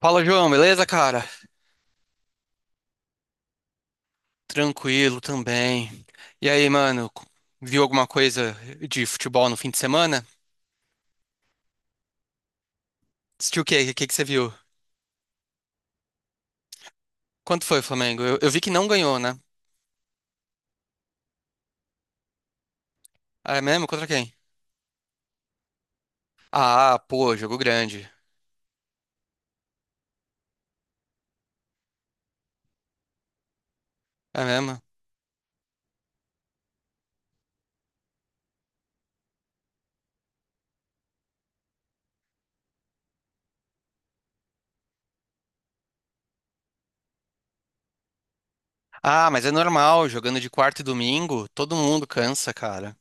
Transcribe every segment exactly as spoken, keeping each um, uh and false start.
Fala, João, beleza, cara? Tranquilo também. E aí, mano, c- viu alguma coisa de futebol no fim de semana? Assistiu o quê? O que que você viu? Quanto foi o Flamengo? Eu, eu vi que não ganhou, né? Ah, é mesmo? Contra quem? Ah, pô, jogo grande. É mesmo? Ah, mas é normal, jogando de quarta e domingo, todo mundo cansa, cara.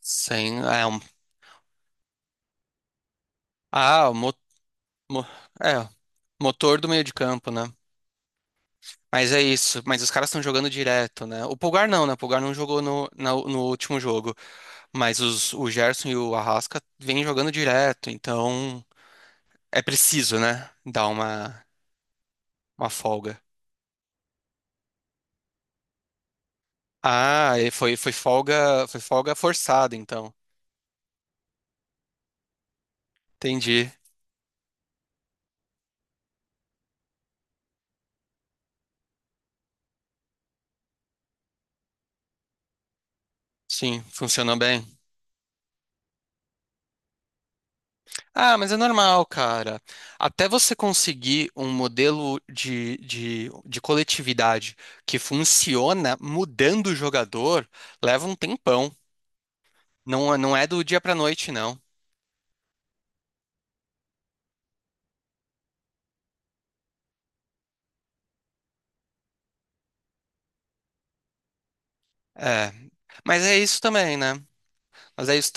Sem. É, um, ah, o mo, mo- é, o motor do meio de campo, né? Mas é isso, mas os caras estão jogando direto, né? O Pulgar não, né? O Pulgar não jogou no, na- no último jogo. Mas os, o Gerson e o Arrasca vêm jogando direto, então é preciso, né? Dar uma, uma folga. Ah, e foi, foi folga, foi folga forçada, então. Entendi. Sim, funcionou bem. Ah, mas é normal, cara. Até você conseguir um modelo de, de, de coletividade que funciona mudando o jogador, leva um tempão. Não, é- não é do dia pra noite, não. É. Mas é isso também, né? Mas é isso.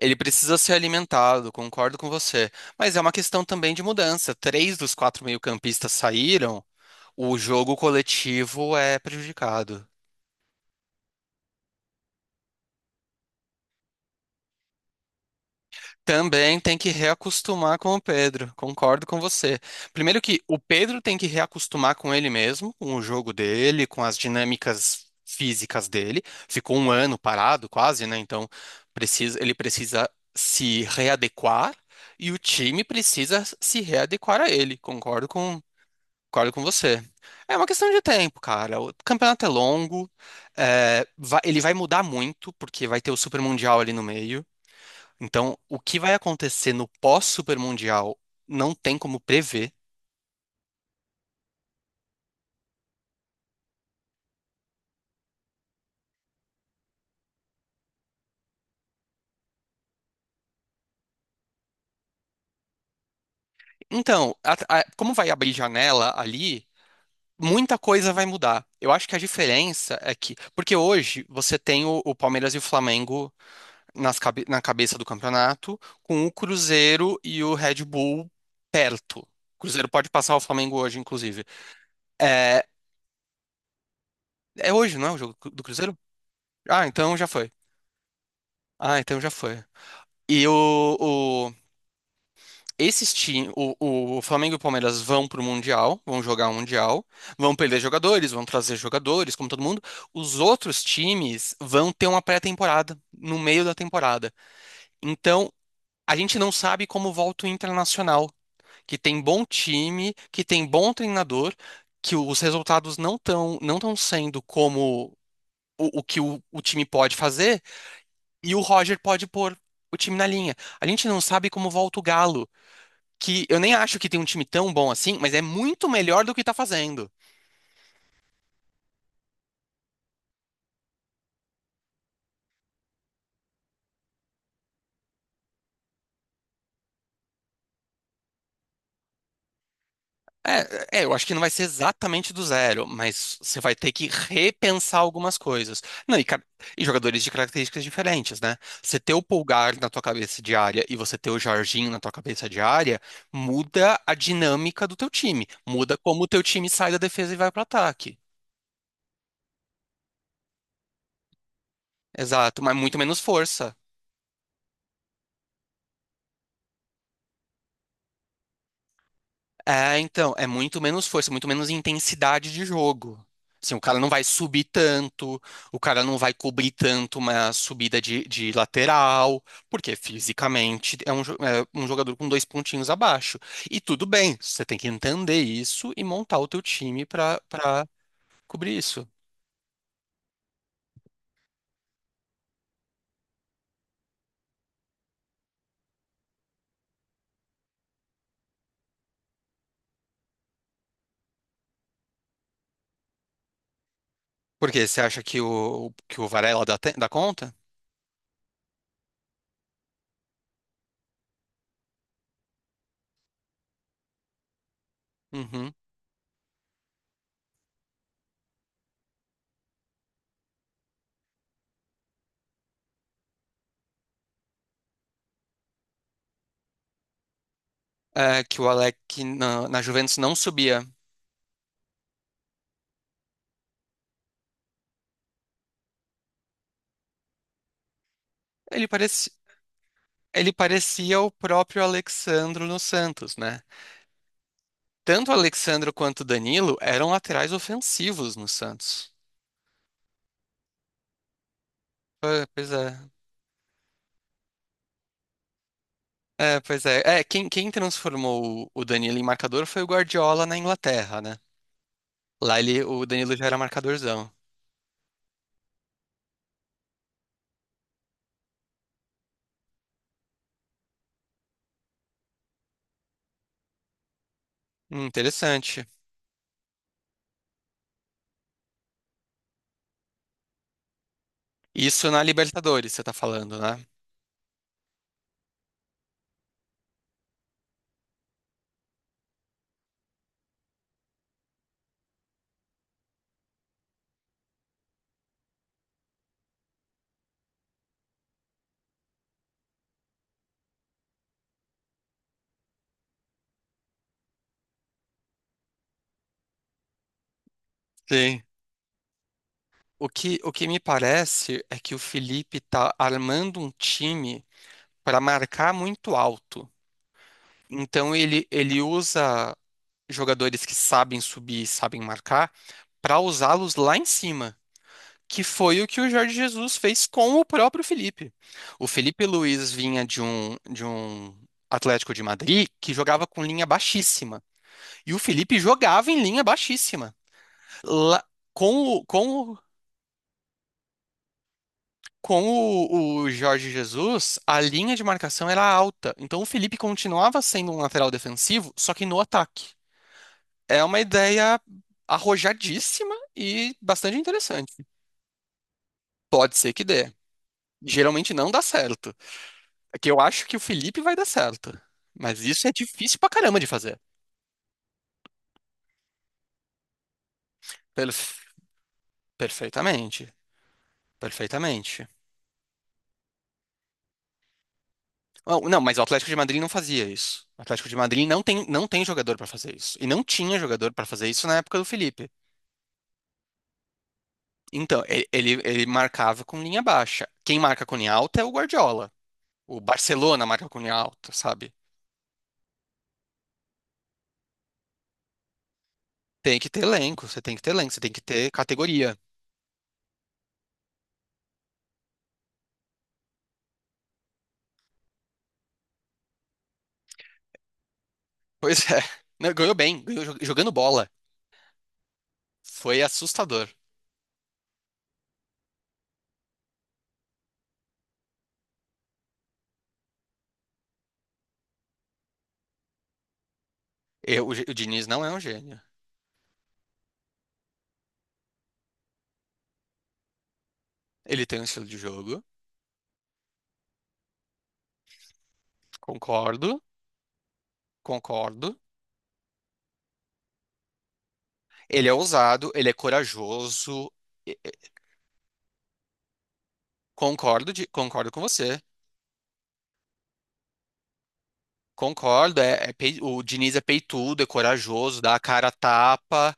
Ele precisa ser alimentado, concordo com você. Mas é uma questão também de mudança. Três dos quatro meio-campistas saíram, o jogo coletivo é prejudicado. Também tem que reacostumar com o Pedro, concordo com você. Primeiro que o Pedro tem que reacostumar com ele mesmo, com o jogo dele, com as dinâmicas físicas dele. Ficou um ano parado, quase, né? Então precisa, ele precisa se readequar e o time precisa se readequar a ele. Concordo com Concordo com você. É uma questão de tempo, cara. O campeonato é longo, é, vai- ele vai mudar muito, porque vai ter o Super Mundial ali no meio. Então, o que vai acontecer no pós-Super Mundial não tem como prever. Então, a- a- como vai abrir janela ali, muita coisa vai mudar. Eu acho que a diferença é que. Porque hoje você tem o, o Palmeiras e o Flamengo nas cabe- na cabeça do campeonato, com o Cruzeiro e o Red Bull perto. O Cruzeiro pode passar o Flamengo hoje, inclusive. É, é hoje, não é o jogo do Cruzeiro? Ah, então já foi. Ah, então já foi. E o, o- Esses times, o, o Flamengo e o Palmeiras vão pro Mundial, vão jogar o Mundial, vão perder jogadores, vão trazer jogadores, como todo mundo. Os outros times vão ter uma pré-temporada no meio da temporada. Então, a gente não sabe como volta o Internacional, que tem bom time, que tem bom treinador, que os resultados não estão não estão sendo como o, o que o o time pode fazer. E o Roger pode pôr o time na linha. A gente não sabe como volta o Galo, que eu nem acho que tem um time tão bom assim, mas é muito melhor do que tá fazendo. É, é, eu acho que não vai ser exatamente do zero, mas você vai ter que repensar algumas coisas. Não, e, car- e jogadores de características diferentes, né? Você ter o Pulgar na tua cabeça de área e você ter o Jorginho na tua cabeça de área, muda a dinâmica do teu time, muda como o teu time sai da defesa e vai pro ataque. Exato, mas muito menos força. É, então, é muito menos força, muito menos intensidade de jogo. Assim, o cara não vai subir tanto, o cara não vai cobrir tanto uma subida de, de lateral, porque fisicamente é um, jo- é um jogador com dois pontinhos abaixo. E tudo bem, você tem que entender isso e montar o teu time para para cobrir isso. Porque você acha que o, que o Varela dá, te- dá conta? Uhum. É, que o Alec na, na Juventus não subia. Ele parecia Ele parecia o próprio Alexandro no Santos, né? Tanto o Alexandro quanto o Danilo eram laterais ofensivos no Santos. Ah, pois é. É, pois é. É, quem, quem transformou o o Danilo em marcador foi o Guardiola na Inglaterra, né? Lá ele, o Danilo já era marcadorzão. Hum, interessante. Isso na Libertadores, você tá falando, né? Sim. O que, o que me parece é que o Felipe tá armando um time para marcar muito alto. Então ele, ele usa jogadores que sabem subir, sabem marcar, para usá-los lá em cima, que foi o que o Jorge Jesus fez com o próprio Felipe. O Felipe Luiz vinha de um, de um Atlético de Madrid que jogava com linha baixíssima, e o Felipe jogava em linha baixíssima. Lá- com o, com o com o, o Jorge Jesus, a linha de marcação era alta, então o Felipe continuava sendo um lateral defensivo, só que no ataque. É uma ideia arrojadíssima e bastante interessante. Pode ser que dê. Geralmente não dá certo. É que eu acho que o Felipe vai dar certo. Mas isso é difícil pra caramba de fazer. Perf- Perfeitamente. Perfeitamente. Não, não, mas o Atlético de Madrid não fazia isso. O Atlético de Madrid não tem, não tem jogador pra fazer isso. E não tinha jogador pra fazer isso na época do Felipe. Então, e- ele, ele marcava com linha baixa. Quem marca com linha alta é o Guardiola. O Barcelona marca com linha alta, sabe? Tem que ter elenco, você tem que ter elenco, você tem que ter categoria. Pois é. Não, ganhou bem, ganhou jo- jogando bola. Foi assustador. Eu- o, Ge- o Diniz não é um gênio. Ele tem um estilo de jogo, concordo, concordo. Ele é ousado, ele é corajoso. e- e- Concordo, de- concordo com você. Concordo, é, é pei- o Diniz é peitudo, é corajoso, dá a cara a tapa,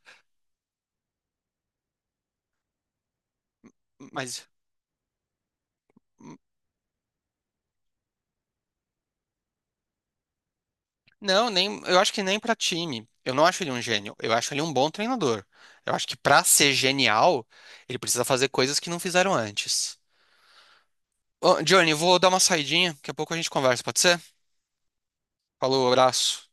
mas Não, nem, eu acho que nem pra time. Eu não acho ele um gênio. Eu acho ele um bom treinador. Eu acho que pra ser genial, ele precisa fazer coisas que não fizeram antes. Ô, Johnny, eu vou dar uma saidinha. Daqui a pouco a gente conversa, pode ser? Falou, abraço.